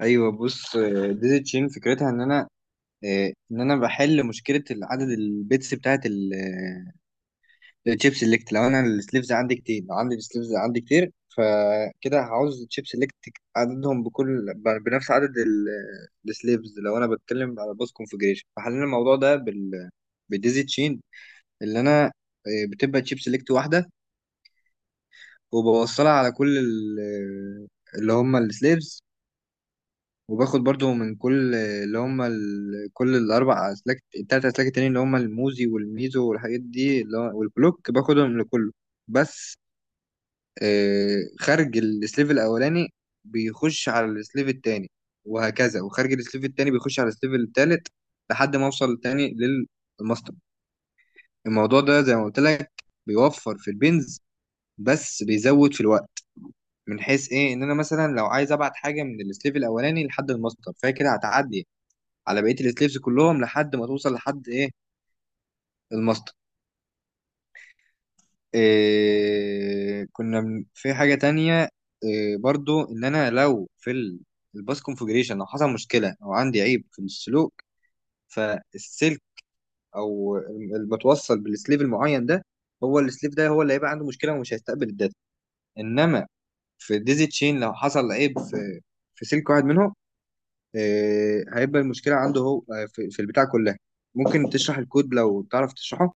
ايوه، بص. ديزي تشين فكرتها ان انا بحل مشكله عدد البيتس بتاعت الشيب سيلكت. لو عندي السليفز عندي كتير فكده هعوز تشيب سيلكت عددهم بنفس عدد السليفز. لو انا بتكلم على باس كونفجريشن، فحللنا الموضوع ده بالديزي تشين، اللي انا آه، بتبقى تشيب سيلكت واحده، وبوصلها على كل ال- آه، اللي هم السليفز، وباخد برضو من كل اللي هم كل الاربع اسلاك، التلات اسلاك التانيين اللي هم الموزي والميزو والحاجات دي اللي هو والبلوك، باخدهم لكله. بس خارج السليف الاولاني بيخش على السليف التاني، وهكذا، وخارج السليف التاني بيخش على السليف التالت، لحد ما اوصل تاني للماستر. الموضوع ده زي ما قلت لك، بيوفر في البنز بس بيزود في الوقت، من حيث ايه، ان انا مثلا لو عايز ابعت حاجه من السليف الاولاني لحد الماستر، فهي كده هتعدي على بقيه السليفز كلهم لحد ما توصل لحد ايه، الماستر. إيه في حاجه تانية، إيه، برضو ان انا لو في الباس كونفجريشن لو حصل مشكله او عندي عيب في السلوك، فالسلك او المتوصل بالسليف المعين ده، هو السليف ده هو اللي هيبقى عنده مشكله ومش هيستقبل الداتا. انما في ديزي تشين لو حصل عيب في سلك واحد منهم، إيه، هيبقى المشكله عنده هو، في البتاع كلها. ممكن تشرح الكود لو تعرف تشرحه؟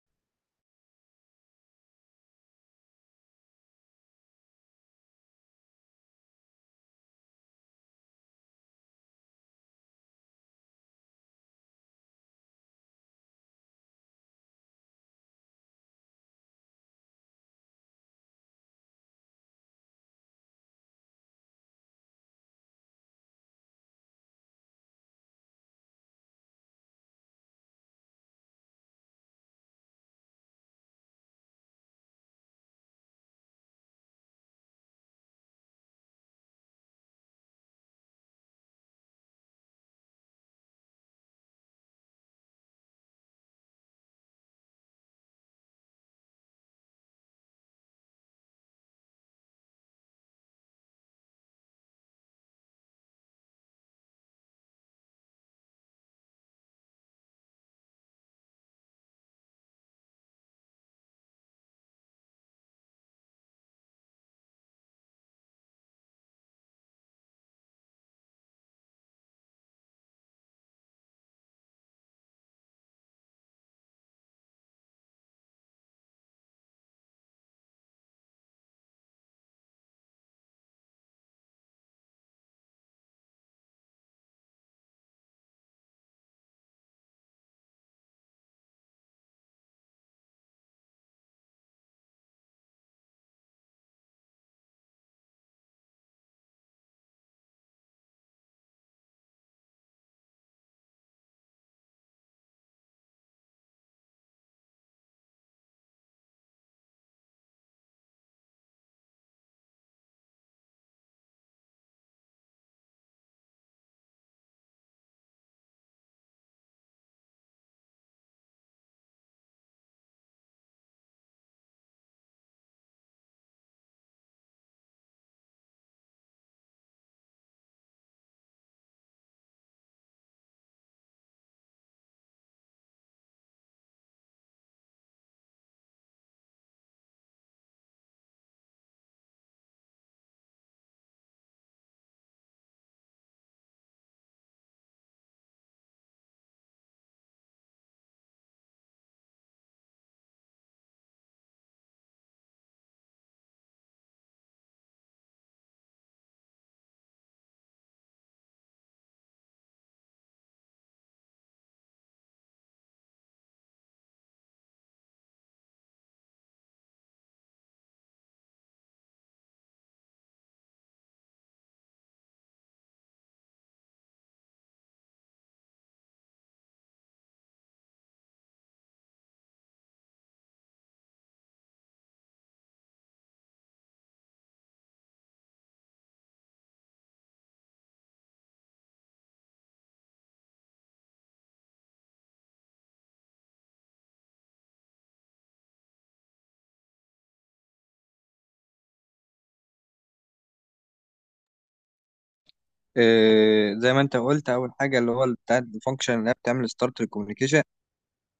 زي ما انت قلت، اول حاجه اللي هو بتاع الفانكشن اللي هي بتعمل ستارت للكوميونيكيشن،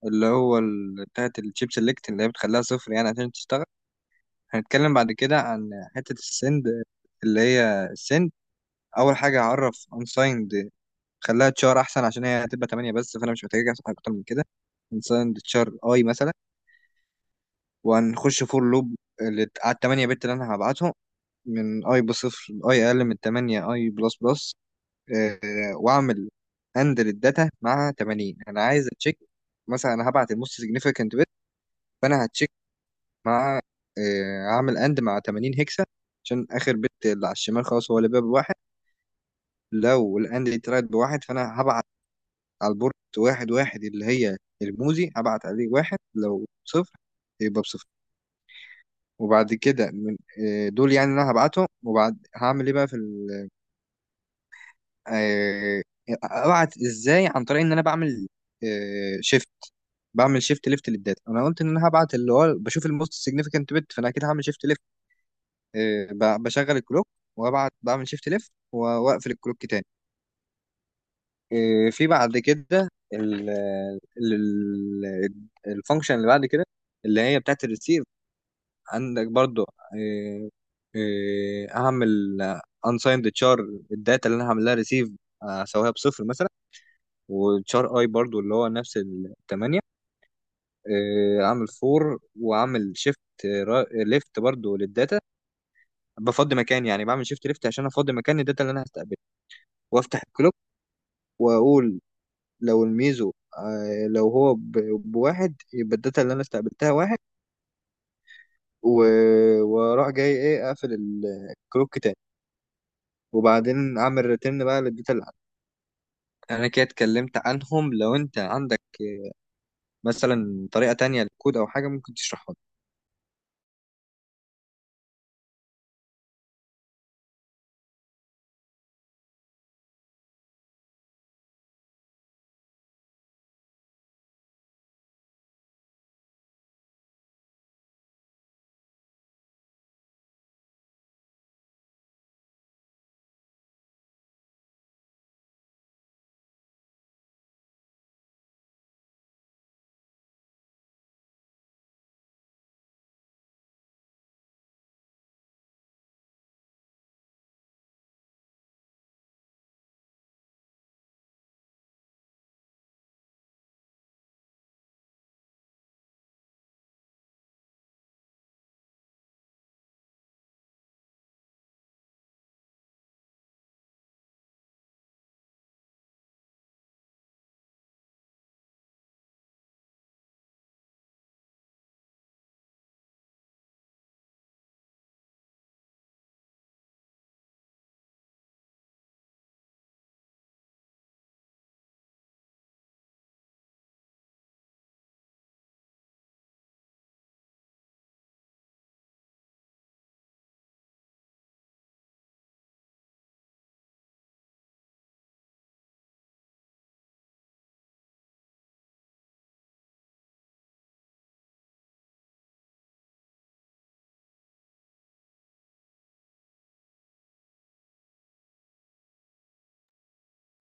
اللي هو بتاعت الشيب سيلكت، اللي هي بتخليها صفر يعني عشان تشتغل. هنتكلم بعد كده عن حته السند، اللي هي السند. اول حاجه هعرف انسايند، خليها تشار احسن، عشان هي هتبقى 8 بس فانا مش محتاج احسن حاجه اكتر من كده. انسايند تشار اي مثلا، وهنخش فور لوب اللي على ال 8 بت اللي انا هبعتهم، من اي بصفر، اي اقل من 8، اي بلس بلس. آه، واعمل هاند للداتا مع 80. انا عايز اتشيك، مثلا انا هبعت الموست سيجنيفيكانت بت، فانا هتشيك مع، هعمل اند مع 80 هكسا عشان اخر بت اللي على الشمال، خلاص هو اللي بقى بواحد. لو الاند دي طلعت بواحد، فانا هبعت على البورت واحد واحد اللي هي الموزي، هبعت عليه واحد، لو صفر يبقى بصفر. وبعد كده من، دول يعني انا هبعتهم، وبعد هعمل ايه بقى في آه، ابعت ازاي؟ عن طريق ان انا شيفت بعمل شيفت ليفت للداتا. انا قلت ان انا هبعت اللي هو بشوف الموست سيجنيفيكانت بت، فانا كده هعمل شيفت ليفت، بشغل الكلوك وابعت، بعمل شيفت ليفت واقفل الكلوك تاني. إيه، في بعد كده ال- ال- ال- الفانكشن اللي بعد كده، اللي هي بتاعت الريسيف. عندك برضو إيه، إيه، هعمل انسايند تشار الداتا اللي انا هعمل لها ريسيف، اسويها بصفر مثلا، وتشار اي برضو اللي هو نفس الثمانية. عامل فور وعامل شيفت ليفت برضو للداتا، بفضي مكان، يعني بعمل شيفت ليفت عشان افضي مكان الداتا اللي انا هستقبلها، وافتح الكلوك واقول لو الميزو، لو هو بواحد يبقى الداتا اللي انا استقبلتها واحد. واروح جاي ايه اقفل الكلوك تاني، وبعدين اعمل ريتيرن بقى للداتا اللي عندي. انا كده اتكلمت عنهم. لو انت عندك مثلا طريقة تانية للكود او حاجة، ممكن تشرحها لي.